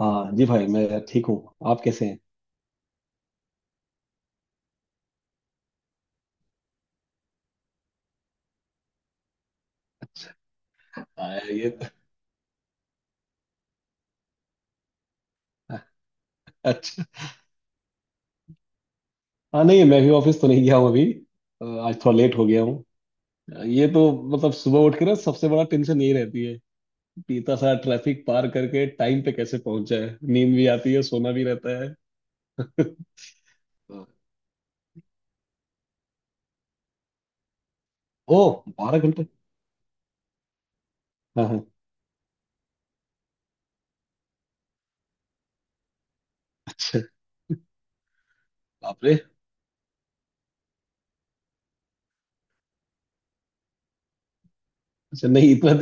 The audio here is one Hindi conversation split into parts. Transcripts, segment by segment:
हाँ जी भाई मैं ठीक हूँ। आप कैसे हैं? आया ये। अच्छा। हाँ, नहीं मैं भी ऑफिस तो नहीं गया हूँ अभी। आज थोड़ा लेट हो गया हूँ। ये तो मतलब सुबह उठ के ना सबसे बड़ा टेंशन यही रहती है कि इतना सारा ट्रैफिक पार करके टाइम पे कैसे पहुंच जाए। नींद भी आती है सोना भी रहता है। अ, ओ, 12 घंटे? हाँ हाँ। अच्छा। बाप रे। अच्छा, नहीं इतना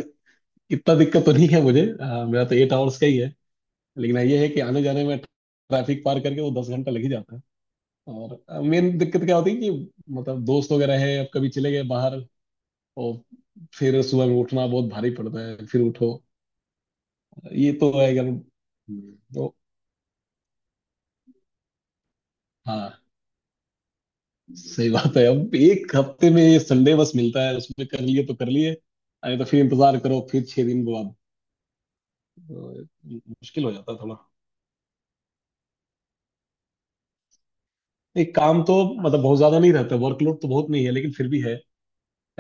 इतना दिक्कत तो नहीं है मुझे। मेरा तो 8 आवर्स का ही है। लेकिन ये है कि आने जाने में ट्रैफिक पार करके वो 10 घंटा लग ही जाता है। और मेन दिक्कत क्या होती है कि मतलब दोस्त वगैरह है, अब कभी चले गए बाहर, और फिर सुबह में उठना बहुत भारी पड़ता है फिर उठो। ये तो है, अगर तो। हाँ सही बात है, अब एक हफ्ते में ये संडे बस मिलता है, उसमें कर लिए तो कर लिए। अरे तो फिर इंतजार करो फिर 6 दिन बाद। तो मुश्किल हो जाता है थोड़ा। एक काम तो मतलब बहुत ज्यादा नहीं रहता, वर्कलोड तो बहुत नहीं है लेकिन फिर भी है।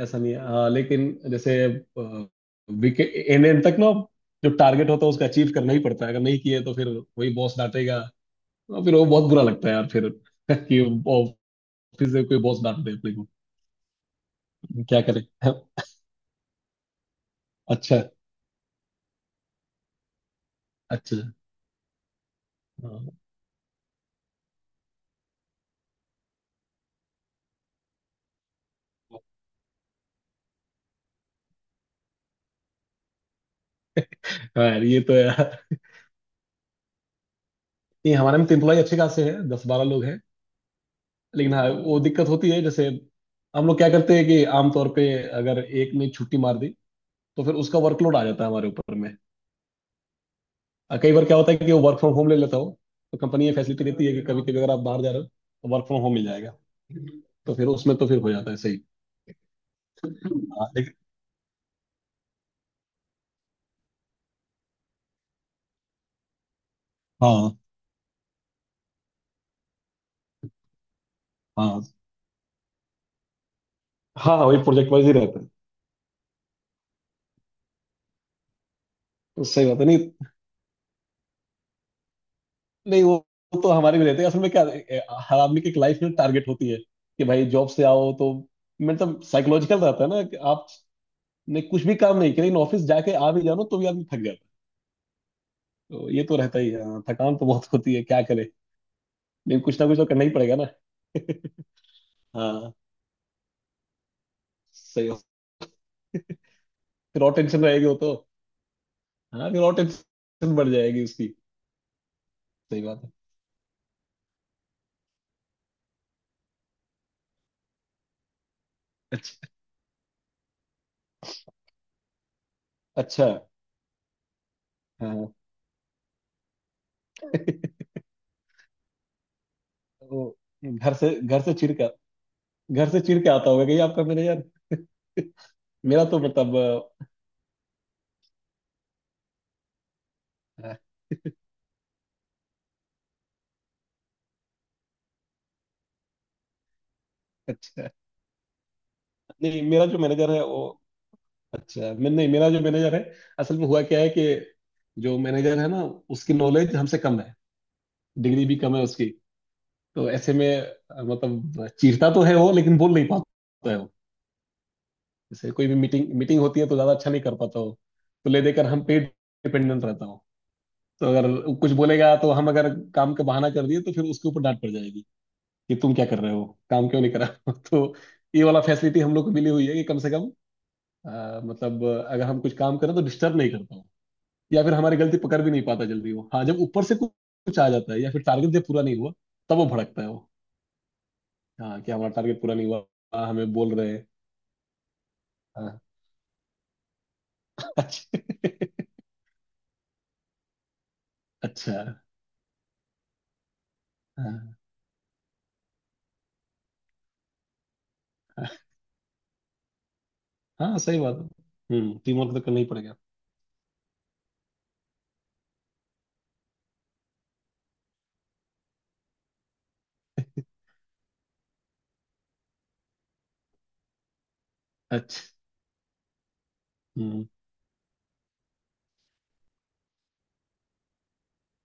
ऐसा नहीं है, हाँ लेकिन जैसे विकेट एन एन तक ना जो टारगेट होता है उसका अचीव करना ही पड़ता है। अगर नहीं किए तो फिर वही बॉस डांटेगा, और फिर वो बहुत बुरा लगता है यार। फिर कि ऑफिस से कोई बॉस डांट दे अपने को, क्या करे। अच्छा। अच्छा। हाँ हाँ यार ये तो यार। नहीं, हमारे में तो इम्प्लॉय अच्छे खासे हैं, 10-12 लोग हैं। लेकिन हाँ, वो दिक्कत होती है, जैसे हम लोग क्या करते हैं कि आमतौर पे अगर एक ने छुट्टी मार दी तो फिर उसका वर्कलोड आ जाता है हमारे ऊपर में। कई बार क्या होता है कि वो वर्क फ्रॉम होम ले लेता हो, तो कंपनी ये फैसिलिटी देती है कि कभी कभी अगर आप बाहर जा रहे हो तो वर्क फ्रॉम होम मिल जाएगा। तो फिर उसमें तो फिर हो जाता है सही। हाँ लेकिन। हाँ हाँ। हाँ, हाँ वही प्रोजेक्ट वाइज ही रहता है। तो सही बात है। नहीं, नहीं वो, वो तो हमारे भी रहते हैं, असल में क्या हर आदमी की एक लाइफ में टारगेट होती है कि भाई जॉब से आओ तो मतलब साइकोलॉजिकल रहता है ना कि आपने कुछ भी काम नहीं किया लेकिन ऑफिस जाके आ भी जानो तो भी आदमी थक जाता है। तो ये तो रहता ही है। हाँ, थकान तो बहुत होती है, क्या करे। लेकिन कुछ ना कुछ तो करना ही पड़ेगा ना। हाँ सही। फिर और टेंशन रहेगी वो तो। हाँ, फिर और टेंशन बढ़ जाएगी उसकी। सही बात है। अच्छा हाँ। वो घर से चिढ़ कर घर से चिढ़ के आता होगा कहीं आपका मैनेजर। मेरा तो मतलब अच्छा। नहीं, मेरा जो मैनेजर है वो अच्छा। मैं नहीं, मेरा जो मैनेजर है असल में हुआ क्या है कि जो मैनेजर है ना, उसकी नॉलेज हमसे कम है, डिग्री भी कम है उसकी। तो ऐसे में मतलब चीरता तो है वो लेकिन बोल नहीं पाता है। जैसे कोई भी मीटिंग मीटिंग होती है तो ज्यादा अच्छा नहीं कर पाता हूँ, तो ले देकर हम पे डिपेंडेंट रहता हूँ। तो अगर कुछ बोलेगा तो हम अगर काम का बहाना कर दिए तो फिर उसके ऊपर डांट पड़ जाएगी कि तुम क्या कर रहे हो, काम क्यों नहीं करा। तो ये वाला फैसिलिटी हम लोग को मिली हुई है कि कम से कम मतलब अगर हम कुछ काम करें तो डिस्टर्ब नहीं करता हूँ, या फिर हमारी गलती पकड़ भी नहीं पाता जल्दी वो। हाँ, जब ऊपर से कुछ कुछ आ जाता है या फिर टारगेट जब पूरा नहीं हुआ तब वो भड़कता है वो। हाँ कि हमारा टारगेट पूरा नहीं हुआ। हाँ, हमें बोल रहे हैं। हाँ। अच्छा। अच्छा। हाँ, हाँ सही बात है। हम्म, टीम वर्क तो करना ही पड़ेगा। अच्छा। हम्म।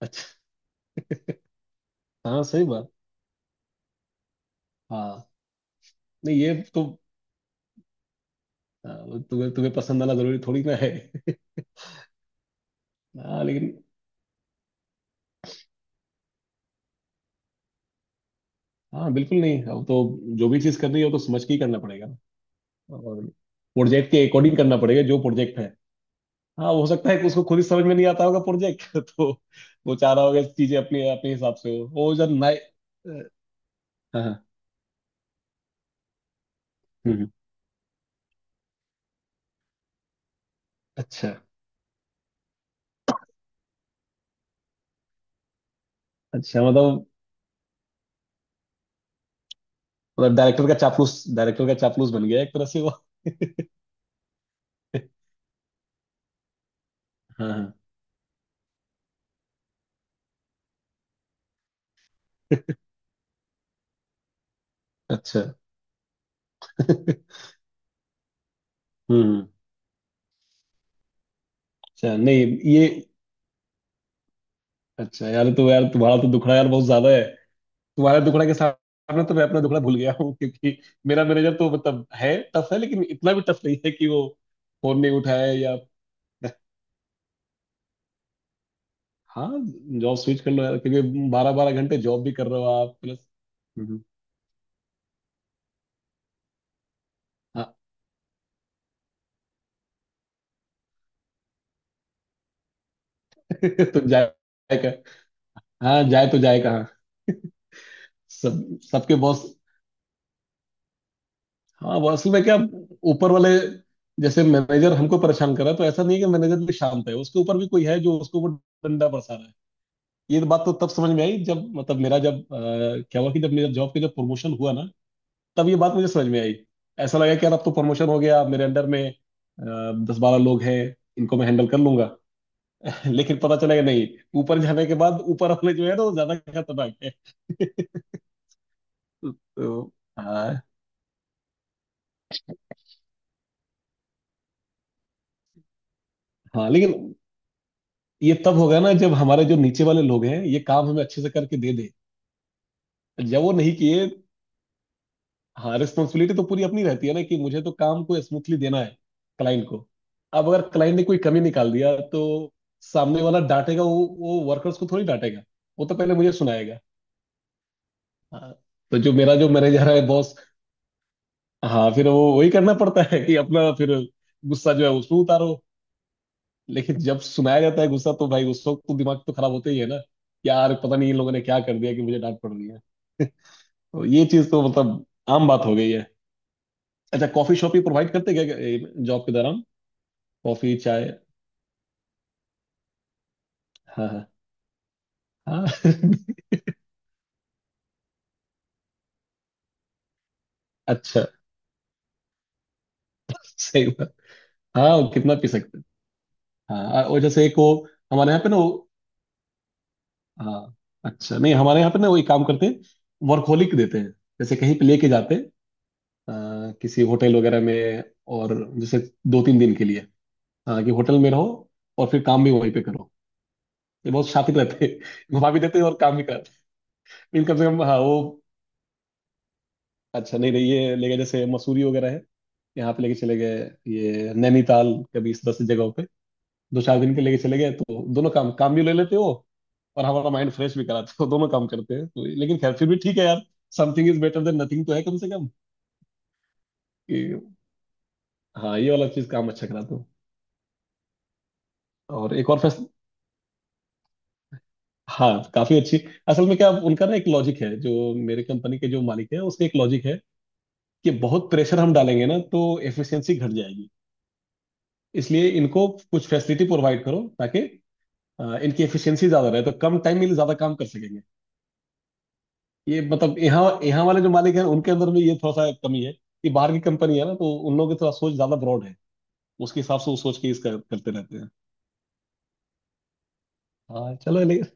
अच्छा। हाँ सही बात। हाँ, नहीं ये तो। हाँ, तुम्हें तुम्हें पसंद आना जरूरी थोड़ी ना है। हाँ लेकिन हाँ बिल्कुल। नहीं, अब तो जो भी चीज़ करनी है वो तो समझ के ही करना पड़ेगा, और प्रोजेक्ट के अकॉर्डिंग करना पड़ेगा जो प्रोजेक्ट है। हाँ, हो सकता है कि उसको खुद ही समझ में नहीं आता होगा प्रोजेक्ट। तो वो चाह रहा होगा चीजें अपने अपने हिसाब से हो, वो जब नए। हाँ हाँ। हम्म। अच्छा। अच्छा मतलब डायरेक्टर का चापलूस बन गया एक तरह से वो। हाँ हाँ। अच्छा। हम्म। अच्छा, नहीं ये। अच्छा यार, तो यार तुम्हारा तो दुखड़ा यार बहुत ज्यादा है। तुम्हारा दुखड़ा के सामने तो मैं अपना दुखड़ा भूल गया हूँ, क्योंकि मेरा मैनेजर तो मतलब है टफ है लेकिन इतना भी टफ नहीं है कि वो फोन नहीं उठाए या। हाँ जॉब स्विच कर लो यार, क्योंकि 12-12 घंटे जॉब भी कर रहे हो आप, प्लस। हम्म, हाँ। तो जाए का? हाँ, जाए तो जाए कहाँ। सब सबके बॉस। हाँ, वो असल में क्या ऊपर वाले जैसे मैनेजर हमको परेशान कर रहा है, तो ऐसा नहीं है कि मैनेजर भी शांत है, उसके ऊपर भी कोई है जो उसको वो डंडा बरसा रहा है। ये बात तो तब समझ में आई जब मतलब मेरा जब क्या हुआ कि जब मेरा जॉब का जब प्रमोशन हुआ ना तब ये बात मुझे समझ में आई। ऐसा लगा कि यार अब तो प्रमोशन हो गया, मेरे अंडर में 10-12 लोग हैं, इनको मैं हैंडल कर लूंगा। लेकिन पता चला कि नहीं, ऊपर जाने के बाद ऊपर वाले जो है ना वो ज्यादा खतरनाक है। तो हाँ। हाँ लेकिन ये तब होगा ना जब हमारे जो नीचे वाले लोग हैं ये काम हमें अच्छे से करके दे दे, जब वो नहीं किए। हाँ रिस्पॉन्सिबिलिटी तो पूरी अपनी रहती है ना कि मुझे तो काम को स्मूथली देना है क्लाइंट को। अब अगर क्लाइंट ने कोई कमी निकाल दिया तो सामने वाला डांटेगा, वो वर्कर्स को थोड़ी डांटेगा, वो तो पहले मुझे सुनाएगा। हाँ तो जो मेरा जो मैनेजर है बॉस, हाँ फिर वो वही करना पड़ता है कि अपना फिर गुस्सा जो है उसमें उतारो। लेकिन जब सुनाया जाता है गुस्सा, तो भाई उस वक्त तो दिमाग तो खराब होते ही है ना, यार पता नहीं इन लोगों ने क्या कर दिया कि मुझे डांट पड़ रही है। तो ये चीज तो मतलब आम बात हो गई है। अच्छा, कॉफी शॉप ही प्रोवाइड करते क्या जॉब के दौरान? कॉफी चाय? हाँ हाँ हाँ। अच्छा। सही बात। हाँ वो कितना पी सकते हैं। हाँ, और जैसे एक वो हमारे यहाँ पे ना वो। हाँ अच्छा, नहीं हमारे यहाँ पे ना वो एक काम करते हैं, वर्कहोलिक देते हैं, जैसे कहीं पे लेके जाते हैं किसी होटल वगैरह में, और जैसे 2-3 दिन के लिए, हाँ कि होटल में रहो और फिर काम भी वहीं पे करो। ये बहुत शातिर रहते हैं घुमा भी देते हैं और काम भी कराते हैं। लेकिन कम से कम हाँ वो। अच्छा, नहीं नहीं ये लेके जैसे मसूरी वगैरह है, यहाँ पे लेके चले गए, ये नैनीताल, कभी इस तरह से जगहों पे 2-4 दिन के लेके चले गए, तो दोनों काम काम भी ले लेते हो और हमारा माइंड फ्रेश भी कराते हो। दोनों काम करते हैं तो। लेकिन खैर फिर भी ठीक है यार, something is better than nothing तो है कम से कम। कि हाँ, ये वाला चीज काम अच्छा कराते हो। और एक और फेस्ट। हाँ काफी अच्छी, असल में क्या उनका ना एक लॉजिक है, जो मेरे कंपनी के जो मालिक है उसका एक लॉजिक है कि बहुत प्रेशर हम डालेंगे ना तो एफिशिएंसी घट जाएगी, इसलिए इनको कुछ फैसिलिटी प्रोवाइड करो ताकि इनकी एफिशिएंसी ज्यादा रहे तो कम टाइम में ज्यादा काम कर सकेंगे। ये मतलब यहाँ यहाँ वाले जो मालिक हैं उनके अंदर में ये थोड़ा सा कमी है कि बाहर की कंपनी है ना तो उन लोगों की थोड़ा सोच ज्यादा ब्रॉड है, उसके हिसाब से वो सोच के इसका करते रहते हैं। हाँ चलो लेकिन।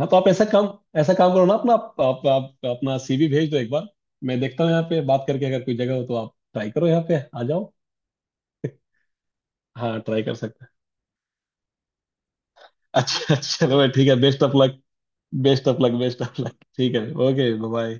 हाँ तो आप ऐसा काम करो ना अपना आप अपना सीवी भेज दो एक बार, मैं देखता हूँ यहाँ पे बात करके, अगर कोई जगह हो तो आप ट्राई करो यहाँ पे आ जाओ। हाँ, ट्राई कर सकते हैं। अच्छा चलो ठीक है, best of luck. Best of luck. Best of luck. ठीक है ओके बाय।